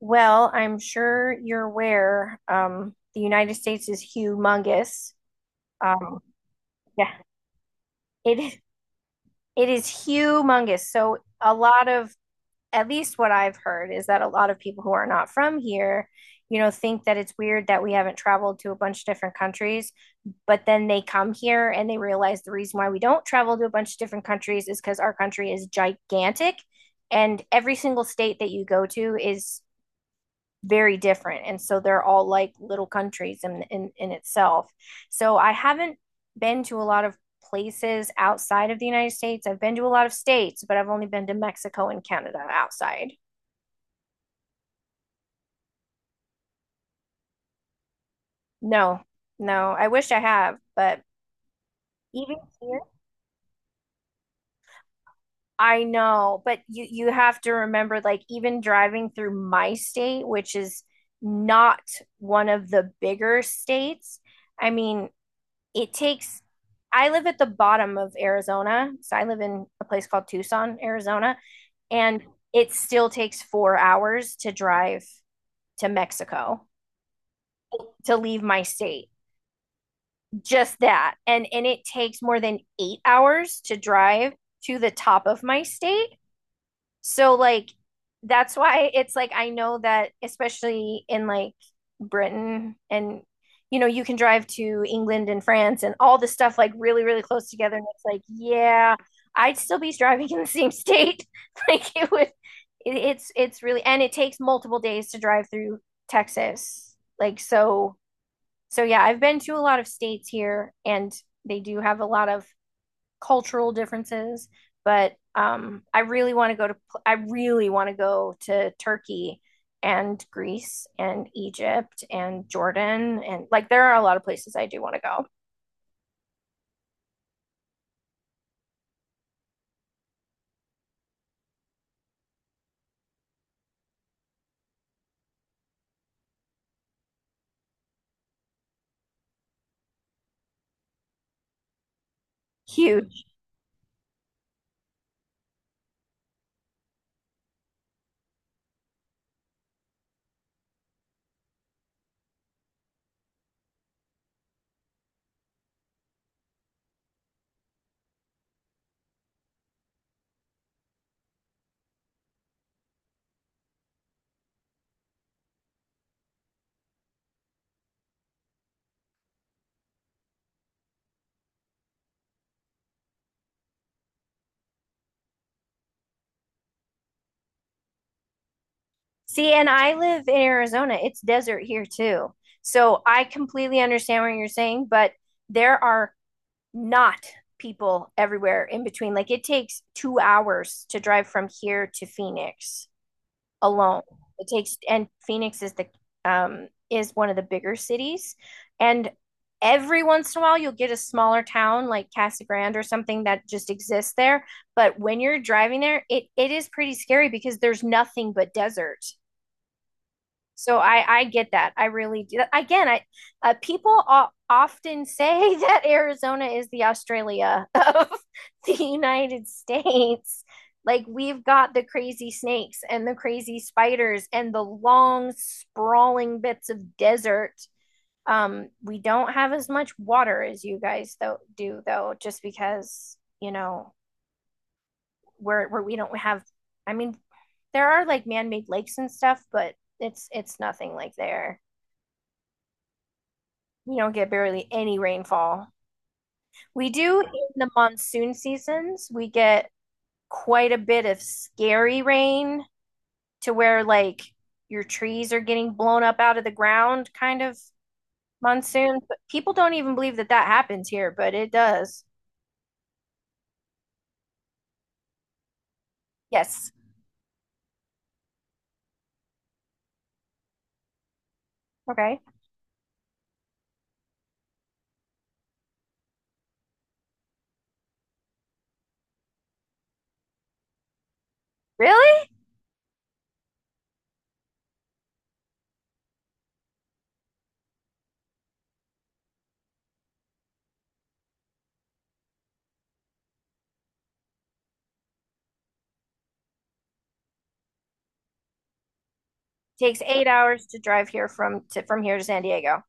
Well, I'm sure you're aware, the United States is humongous. Um, yeah, it is, it is humongous. So at least what I've heard is that a lot of people who are not from here, you know, think that it's weird that we haven't traveled to a bunch of different countries, but then they come here and they realize the reason why we don't travel to a bunch of different countries is because our country is gigantic. And every single state that you go to is very different, and so they're all like little countries in, in itself. So I haven't been to a lot of places outside of the United States. I've been to a lot of states, but I've only been to Mexico and Canada outside. No. No, I wish I have, but even here, I know, but you have to remember, like even driving through my state, which is not one of the bigger states, I mean, it takes, I live at the bottom of Arizona. So I live in a place called Tucson, Arizona, and it still takes 4 hours to drive to Mexico to leave my state. Just that. And it takes more than 8 hours to drive to the top of my state. So like that's why it's like, I know that especially in like Britain and, you know, you can drive to England and France and all this stuff like really, really close together, and it's like, yeah, I'd still be driving in the same state like it would, it's really, and it takes multiple days to drive through Texas, like so. So yeah, I've been to a lot of states here, and they do have a lot of cultural differences, but I really want to go to Turkey and Greece and Egypt and Jordan, and like there are a lot of places I do want to go. Huge. See, and I live in Arizona. It's desert here too. So I completely understand what you're saying, but there are not people everywhere in between. Like it takes 2 hours to drive from here to Phoenix alone. It takes, and Phoenix is the, is one of the bigger cities, and every once in a while you'll get a smaller town like Casa Grande or something that just exists there, but when you're driving there, it is pretty scary because there's nothing but desert. So I get that. I really do. Again, I, people often say that Arizona is the Australia of the United States. Like we've got the crazy snakes and the crazy spiders and the long sprawling bits of desert. We don't have as much water as you guys though do though, just because, you know, we're we don't have, I mean, there are like man-made lakes and stuff, but it's nothing like there. We don't get barely any rainfall. We do in the monsoon seasons, we get quite a bit of scary rain to where like your trees are getting blown up out of the ground kind of monsoon. But people don't even believe that that happens here, but it does. Yes. Okay. Really? Takes 8 hours to drive here from to from here to San Diego.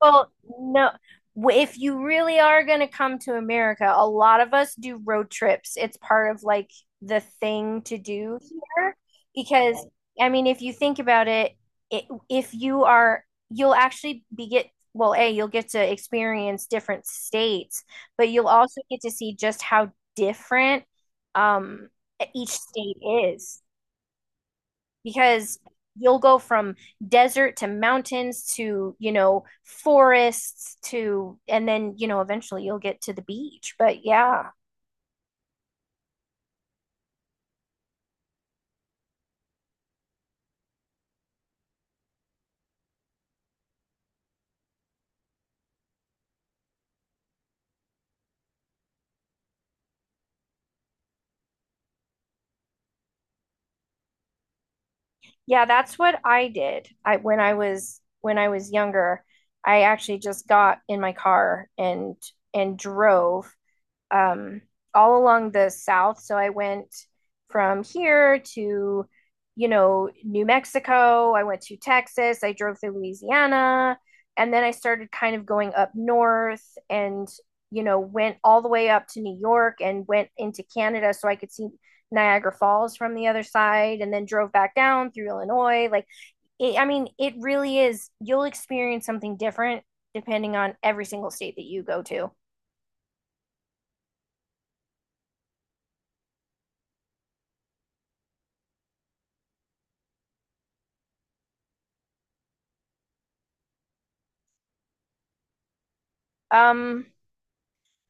Well, no. If you really are going to come to America, a lot of us do road trips. It's part of like the thing to do here because, I mean, if you think about it, if you are, you'll actually be get well, A, you'll get to experience different states, but you'll also get to see just how different, um each state is, because you'll go from desert to mountains to, you know, forests to, and then, you know, eventually you'll get to the beach. But yeah, yeah, that's what I did. I when I was younger, I actually just got in my car and drove, um, all along the south. So I went from here to, you know, New Mexico. I went to Texas. I drove through Louisiana. And then I started kind of going up north, and, you know, went all the way up to New York and went into Canada so I could see Niagara Falls from the other side, and then drove back down through Illinois. Like, I mean, it really is, you'll experience something different depending on every single state that you go to. Um,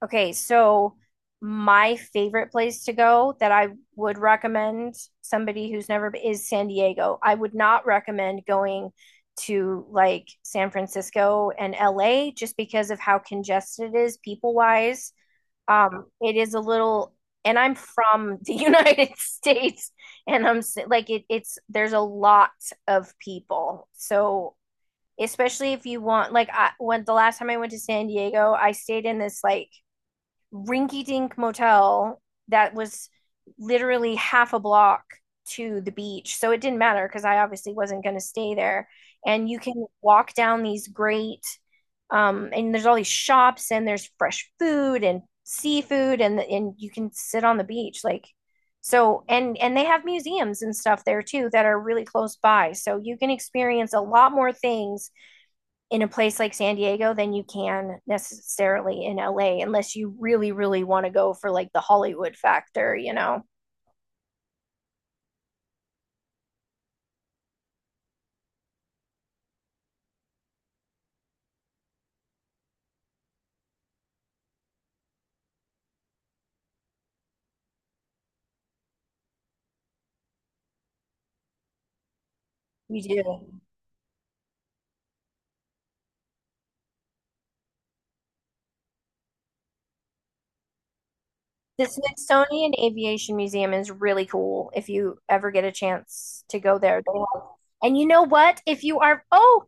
Okay, so my favorite place to go that I would recommend somebody who's never is San Diego. I would not recommend going to like San Francisco and LA just because of how congested it is people wise. It is a little, and I'm from the United States, and I'm like it's there's a lot of people. So especially if you want, like I, when the last time I went to San Diego, I stayed in this like rinky dink motel that was literally half a block to the beach. So it didn't matter because I obviously wasn't going to stay there. And you can walk down these great, and there's all these shops and there's fresh food and seafood, and you can sit on the beach like, so and they have museums and stuff there too that are really close by. So you can experience a lot more things in a place like San Diego than you can necessarily in LA, unless you really, really want to go for like the Hollywood factor, you know? The Smithsonian Aviation Museum is really cool if you ever get a chance to go there. They have, and you know what? If you are,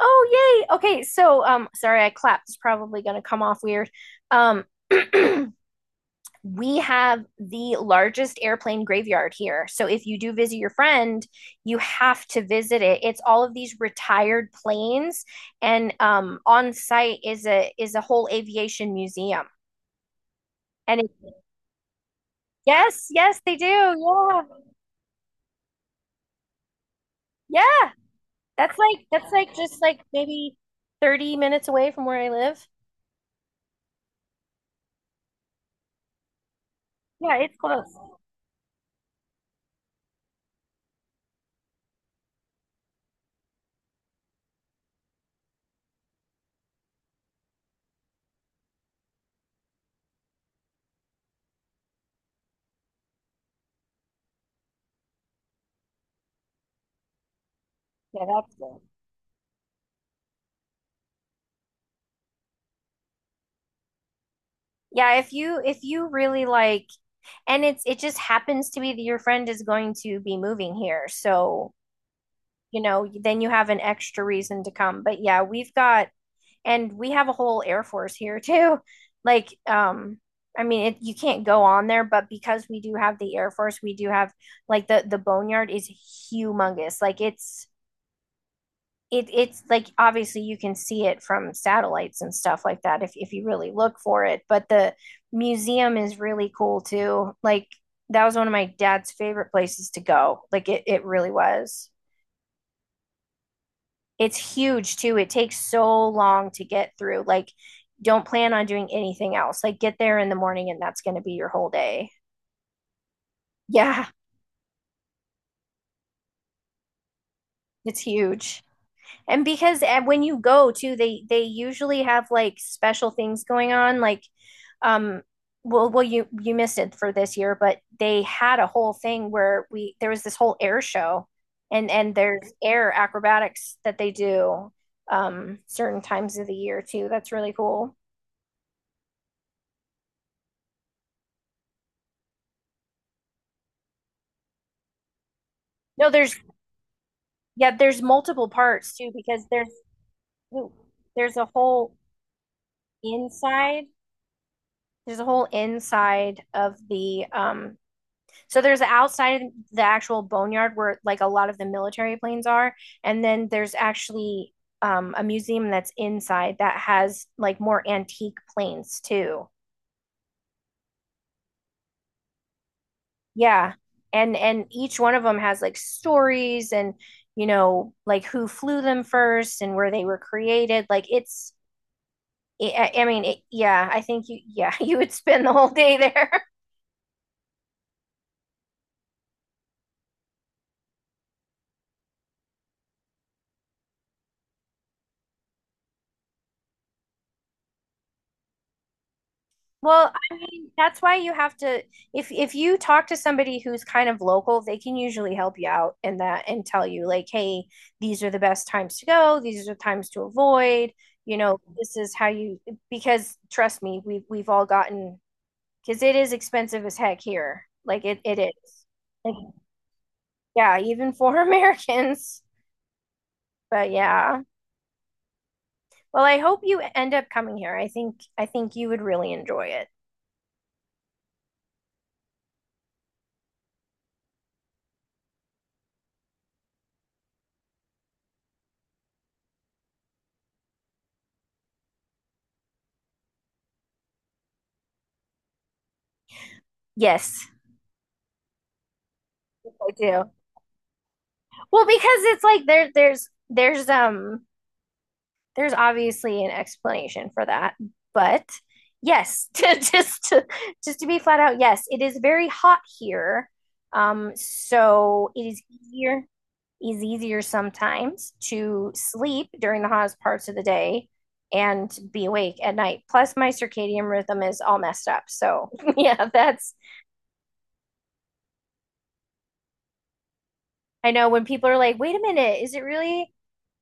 oh, yay. Okay, so, sorry, I clapped. It's probably going to come off weird. Um, we have the largest airplane graveyard here. So if you do visit your friend, you have to visit it. It's all of these retired planes, and on site is a whole aviation museum. And it, yes, yes, they do. Yeah, yeah. That's like just like maybe 30 minutes away from where I live. Yeah, it's close. Yeah, that's good. Yeah, if you really like, and it's, it just happens to be that your friend is going to be moving here. So you know, then you have an extra reason to come. But yeah, we've got, and we have a whole Air Force here too. Like, I mean, it, you can't go on there, but because we do have the Air Force, we do have like the boneyard is humongous. Like it's, it it's like obviously you can see it from satellites and stuff like that if you really look for it. But the museum is really cool too. Like that was one of my dad's favorite places to go. Like it really was. It's huge too. It takes so long to get through. Like, don't plan on doing anything else. Like, get there in the morning and that's going to be your whole day. Yeah, it's huge. And because when you go too, they usually have like special things going on. Like, um, you missed it for this year, but they had a whole thing where we there was this whole air show, and there's air acrobatics that they do certain times of the year too. That's really cool. No, there's, yeah, there's multiple parts too because there's, ooh, there's a whole inside. There's a whole inside of the so there's the outside of the actual boneyard where like a lot of the military planes are, and then there's actually a museum that's inside that has like more antique planes too. Yeah. And each one of them has like stories and, you know, like who flew them first and where they were created. Like it's, I mean, it, yeah, I think you, yeah, you would spend the whole day there. Well, I mean, that's why you have to, if you talk to somebody who's kind of local, they can usually help you out in that and tell you like, hey, these are the best times to go, these are the times to avoid, you know, this is how you, because trust me, we've all gotten, because it is expensive as heck here. Like it is. Like, yeah, even for Americans. But yeah. Well, I hope you end up coming here. I think you would really enjoy it. Yes. I do. Well, because it's like there's there's obviously an explanation for that, but yes, just to be flat out, yes, it is very hot here. So it is easier sometimes to sleep during the hottest parts of the day and be awake at night. Plus, my circadian rhythm is all messed up. So yeah, that's, I know when people are like, "Wait a minute, is it really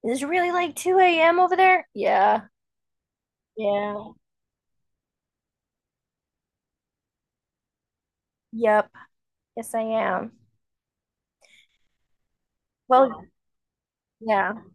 like two a.m. over there?" Yeah, yeah, yep. Yes, I am. Well, yeah.